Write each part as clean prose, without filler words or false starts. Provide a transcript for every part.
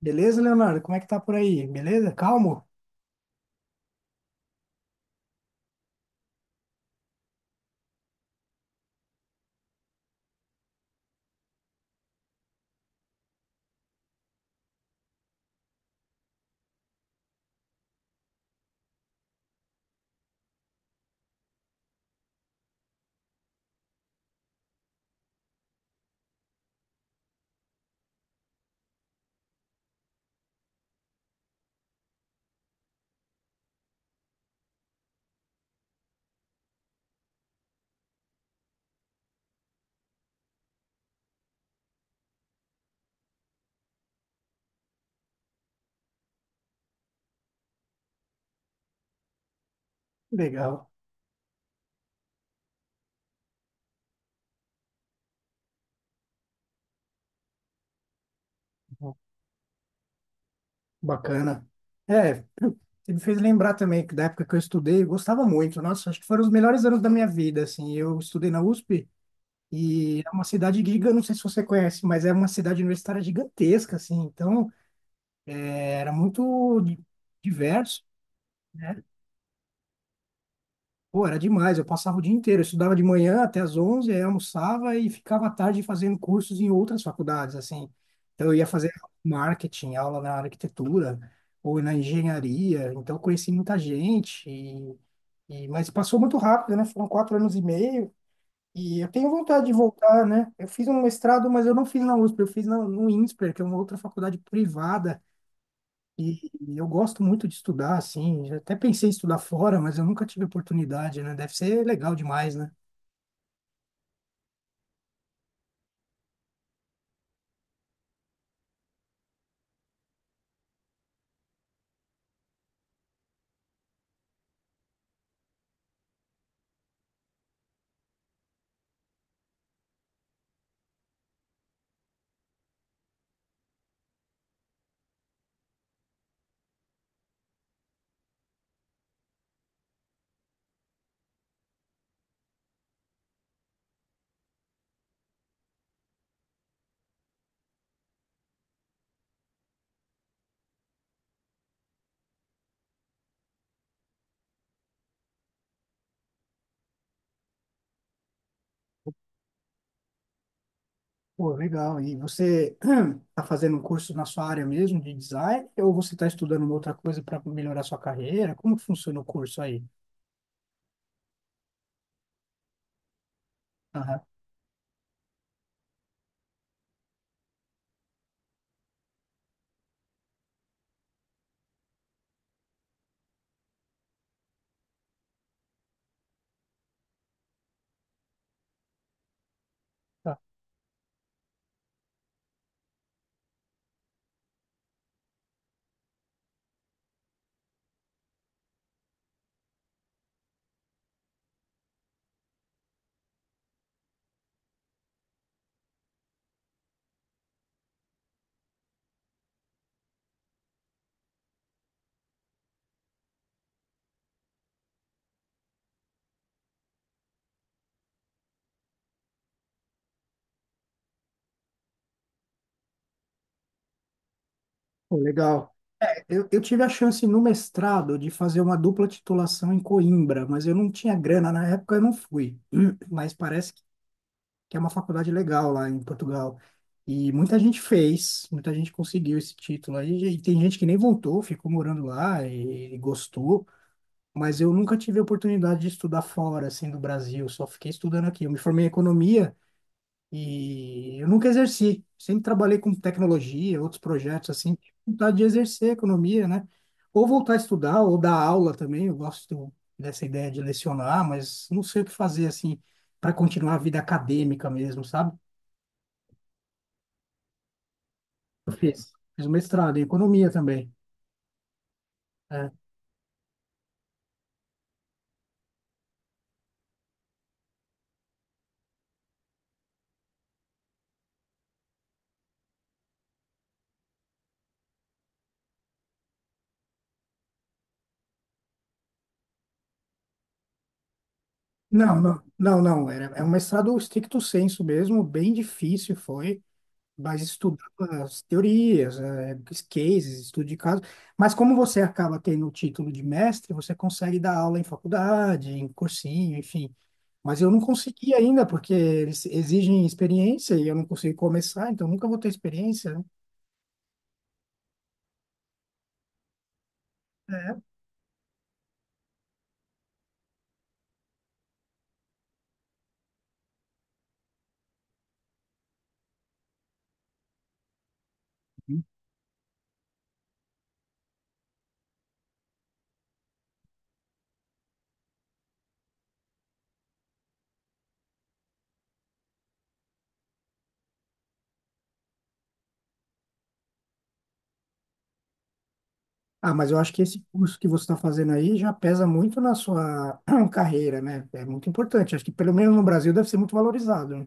Beleza, Leonardo? Como é que tá por aí? Beleza? Calmo? Legal. Bacana. É, você me fez lembrar também que da época que eu estudei, eu gostava muito. Nossa, acho que foram os melhores anos da minha vida, assim. Eu estudei na USP e é uma cidade giga, não sei se você conhece, mas é uma cidade universitária gigantesca, assim. Então, era muito diverso, né? Pô, era demais, eu passava o dia inteiro, eu estudava de manhã até as 11, aí almoçava e ficava à tarde fazendo cursos em outras faculdades, assim. Então, eu ia fazer marketing, aula na arquitetura ou na engenharia, então eu conheci muita gente, e, mas passou muito rápido, né? Foram quatro anos e meio, e eu tenho vontade de voltar, né? Eu fiz um mestrado, mas eu não fiz na USP, eu fiz no INSPER, que é uma outra faculdade privada, e e eu gosto muito de estudar, assim. Já até pensei em estudar fora, mas eu nunca tive oportunidade, né? Deve ser legal demais, né? Pô, legal. E você tá fazendo um curso na sua área mesmo de design, ou você está estudando uma outra coisa para melhorar sua carreira? Como que funciona o curso aí? Aham, tá. Pô, legal. Eu tive a chance no mestrado de fazer uma dupla titulação em Coimbra, mas eu não tinha grana na época, eu não fui. Mas parece que é uma faculdade legal lá em Portugal. E muita gente fez, muita gente conseguiu esse título aí. E tem gente que nem voltou, ficou morando lá e gostou. Mas eu nunca tive a oportunidade de estudar fora, assim, do Brasil. Só fiquei estudando aqui. Eu me formei em economia e eu nunca exerci. Sempre trabalhei com tecnologia, outros projetos, assim. Tive vontade de exercer a economia, né? Ou voltar a estudar, ou dar aula também. Eu gosto dessa ideia de lecionar, mas não sei o que fazer, assim, para continuar a vida acadêmica mesmo, sabe? Eu fiz. Fiz mestrado em economia também. É. Não, não, não, não. Era, é um mestrado stricto sensu mesmo, bem difícil foi, mas estudando as teorias, os cases, estudo de caso. Mas como você acaba tendo o título de mestre, você consegue dar aula em faculdade, em cursinho, enfim. Mas eu não consegui ainda, porque eles exigem experiência e eu não consigo começar, então nunca vou ter experiência, né? Ah, mas eu acho que esse curso que você está fazendo aí já pesa muito na sua carreira, né? É muito importante. Acho que pelo menos no Brasil deve ser muito valorizado, né?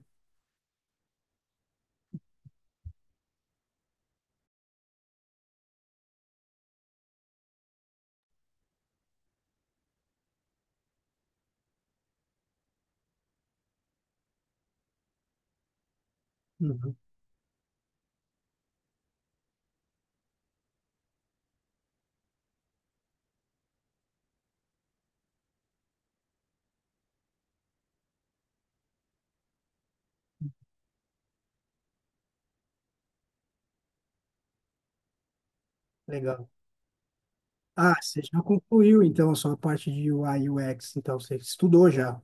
Uhum. Legal. Ah, você já concluiu então a sua parte de UI UX, então você estudou já.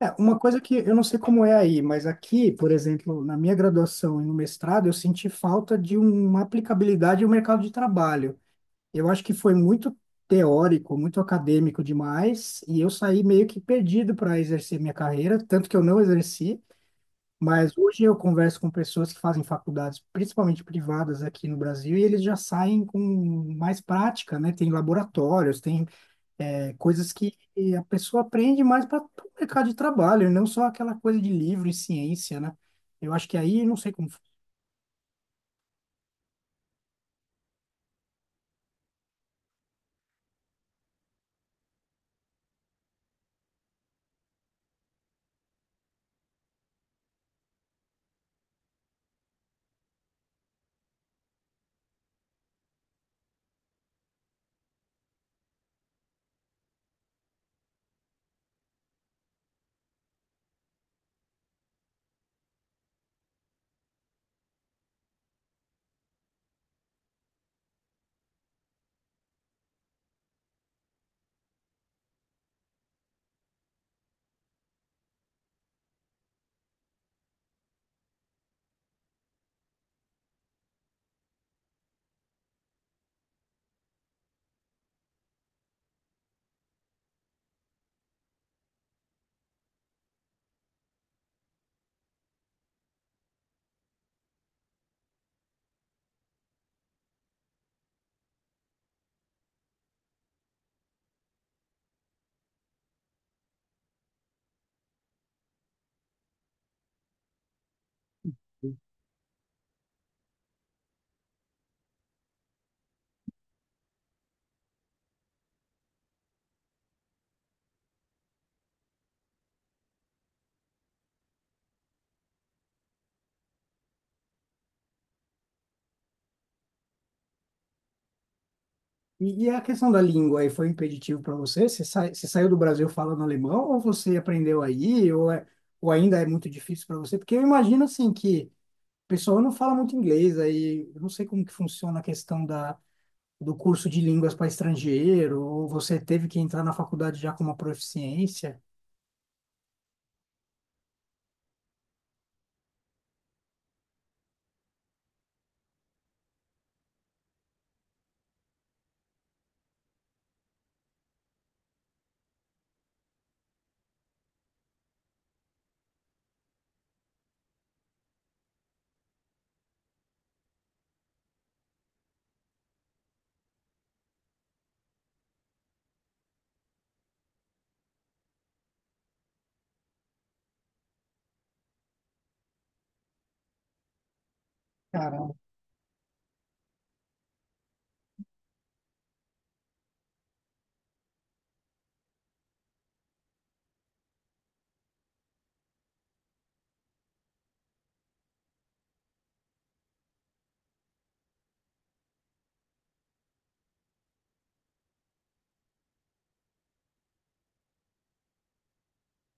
É, uma coisa que eu não sei como é aí, mas aqui, por exemplo, na minha graduação e no mestrado, eu senti falta de uma aplicabilidade no mercado de trabalho. Eu acho que foi muito teórico, muito acadêmico demais, e eu saí meio que perdido para exercer minha carreira, tanto que eu não exerci, mas hoje eu converso com pessoas que fazem faculdades, principalmente privadas aqui no Brasil, e eles já saem com mais prática, né? Tem laboratórios, tem, é, coisas que a pessoa aprende mais para o mercado de trabalho, e não só aquela coisa de livro e ciência, né? Eu acho que aí não sei como foi. E a questão da língua aí foi impeditivo para você? Você, sai, você saiu do Brasil falando alemão ou você aprendeu aí? Ou, é, ou ainda é muito difícil para você? Porque eu imagino assim que o pessoal não fala muito inglês aí. Eu não sei como que funciona a questão da, do curso de línguas para estrangeiro. Ou você teve que entrar na faculdade já com uma proficiência? Caramba.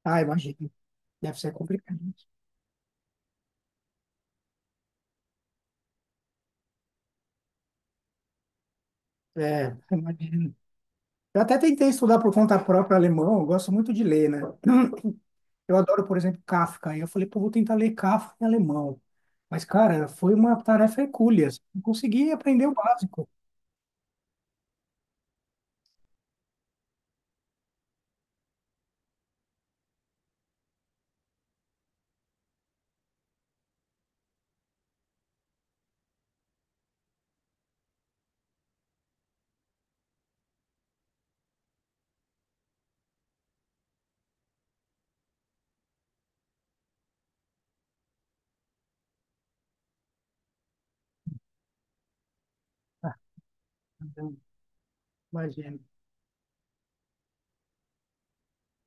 Ah, imagino. Deve ser complicado. É, imagino. Eu até tentei estudar por conta própria alemão. Eu gosto muito de ler, né? Eu adoro, por exemplo, Kafka. E eu falei, pô, vou tentar ler Kafka em alemão. Mas, cara, foi uma tarefa hercúlea. Não consegui aprender o básico. Ah, não, imagina.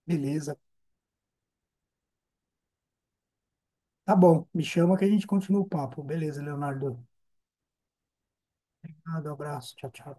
Beleza. Tá bom, me chama que a gente continua o papo. Beleza, Leonardo. Obrigado, abraço. Tchau, tchau.